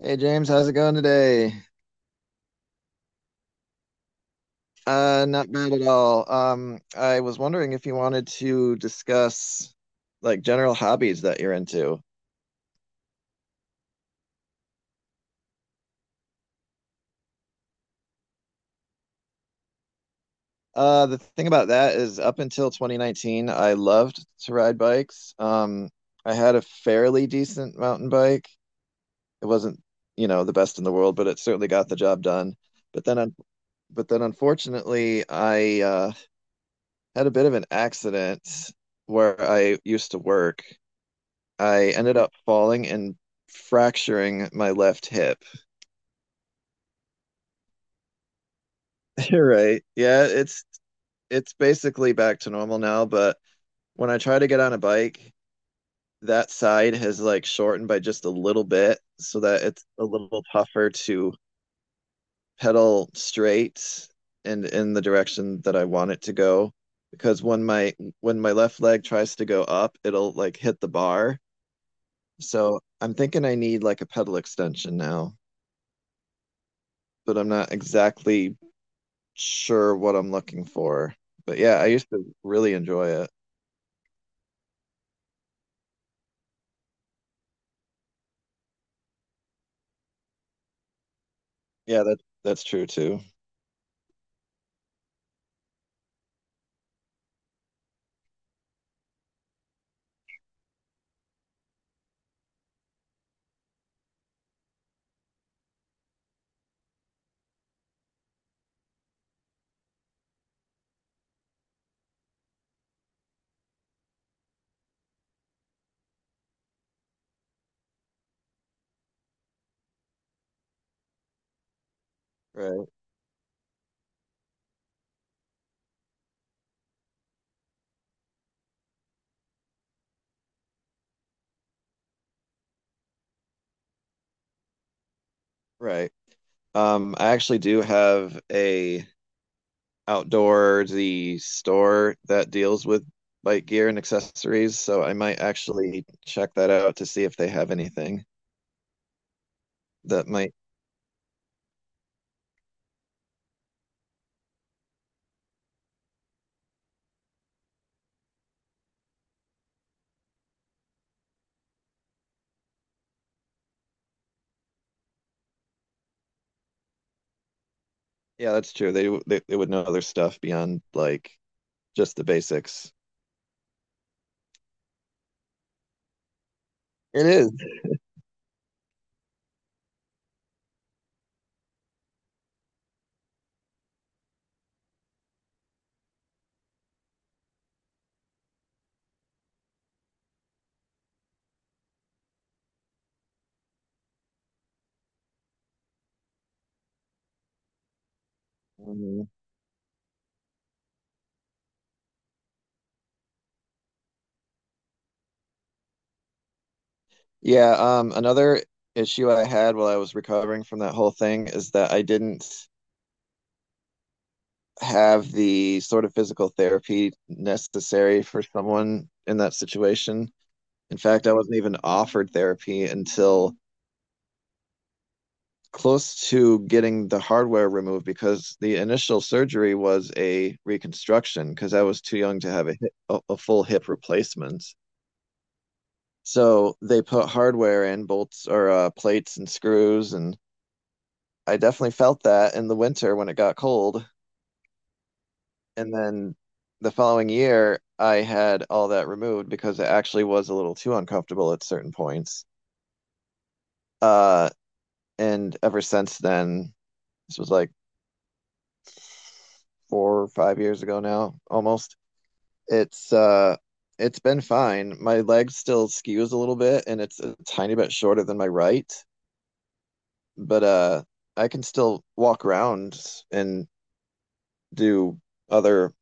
Hey James, how's it going today? Not bad at all. I was wondering if you wanted to discuss like general hobbies that you're into. The thing about that is up until 2019, I loved to ride bikes. I had a fairly decent mountain bike. It wasn't, the best in the world, but it certainly got the job done. But then, un but then unfortunately, I had a bit of an accident where I used to work. I ended up falling and fracturing my left hip. You're right. Yeah, it's basically back to normal now, but when I try to get on a bike, that side has like shortened by just a little bit so that it's a little tougher to pedal straight and in the direction that I want it to go. Because when my left leg tries to go up, it'll like hit the bar. So I'm thinking I need like a pedal extension now, but I'm not exactly sure what I'm looking for. But yeah, I used to really enjoy it. Yeah, that's true too. Right, right. I actually do have a outdoorsy store that deals with bike gear and accessories, so I might actually check that out to see if they have anything that might. Yeah, that's true. They would know other stuff beyond like just the basics. It is. Mhm. Yeah, another issue I had while I was recovering from that whole thing is that I didn't have the sort of physical therapy necessary for someone in that situation. In fact, I wasn't even offered therapy until close to getting the hardware removed because the initial surgery was a reconstruction because I was too young to have a full hip replacement. So they put hardware in bolts or plates and screws, and I definitely felt that in the winter when it got cold. And then the following year, I had all that removed because it actually was a little too uncomfortable at certain points. Uh, and ever since then, this was like 4 or 5 years ago now, almost. It's uh, it's been fine. My leg still skews a little bit, and it's a tiny bit shorter than my right, but I can still walk around and do other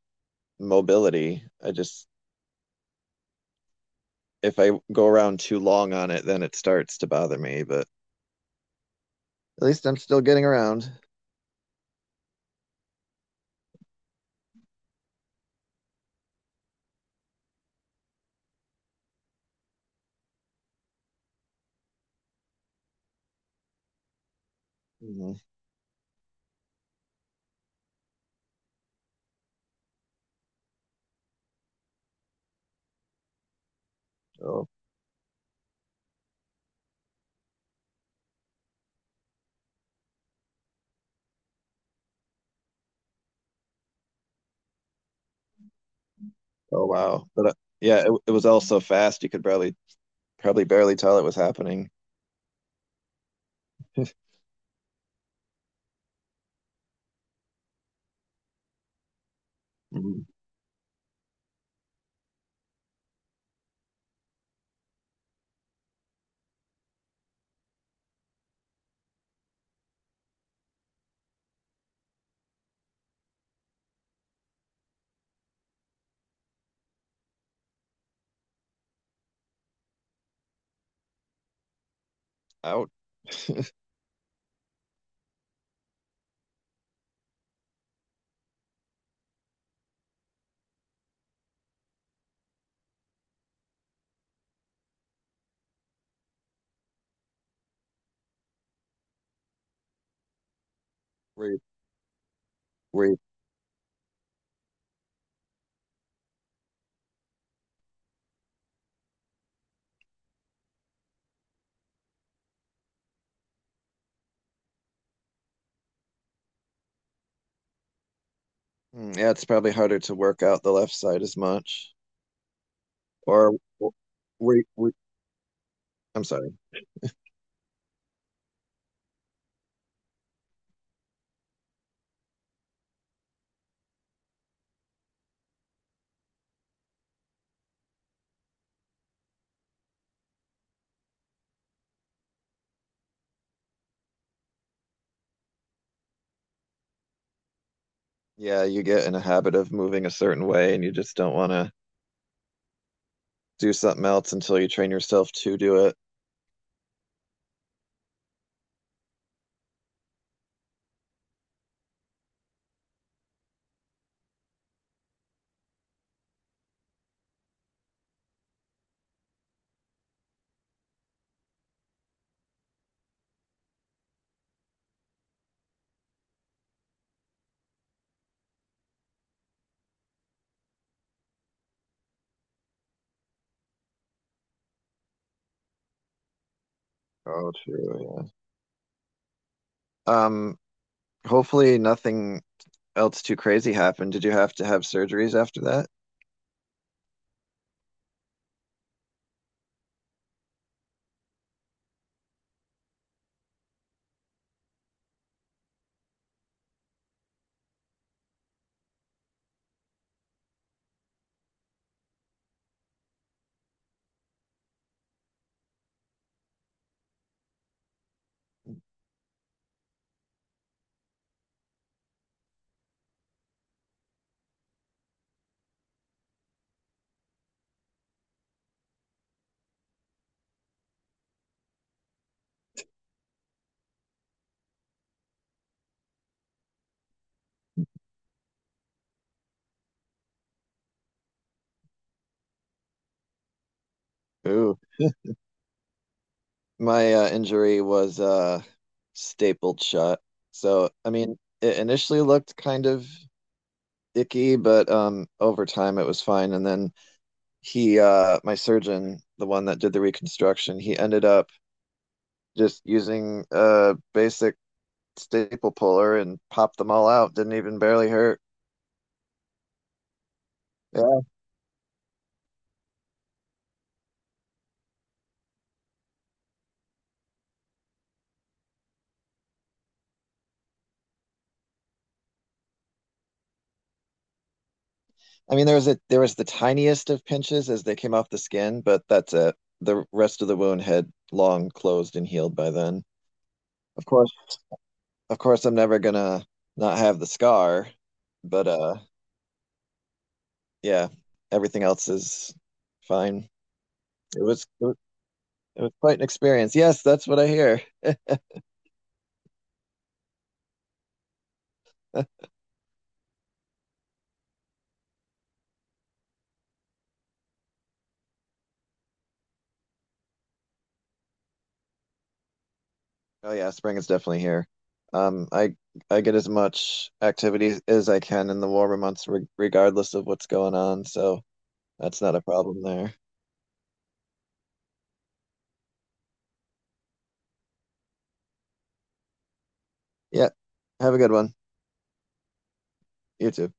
mobility. I just if I go around too long on it, then it starts to bother me, but at least I'm still getting around. Mhm. Oh, oh wow. But yeah, it was all so fast you could barely, probably barely tell it was happening. Mhm. Out. Were you, were you, Mm, yeah, it's probably harder to work out the left side as much. Or w- were, I'm sorry. Yeah, you get in a habit of moving a certain way and you just don't want to do something else until you train yourself to do it. Oh, true. Yeah. Hopefully nothing else too crazy happened. Did you have to have surgeries after that? Ooh. My injury was stapled shut. So, I mean, it initially looked kind of icky, but over time it was fine. And then my surgeon, the one that did the reconstruction, he ended up just using a basic staple puller and popped them all out. Didn't even barely hurt. Yeah. I mean, there was the tiniest of pinches as they came off the skin, but that's it. The rest of the wound had long closed and healed by then. Of course. Of course I'm never gonna not have the scar, but yeah, everything else is fine. It was it was it was quite an experience. Yes, that's what I hear. Oh yeah, spring is definitely here. Um, I I get as much activity as I can in the warmer months, re regardless of what's going on, so that's not a problem there. Yeah, have a good one. You too.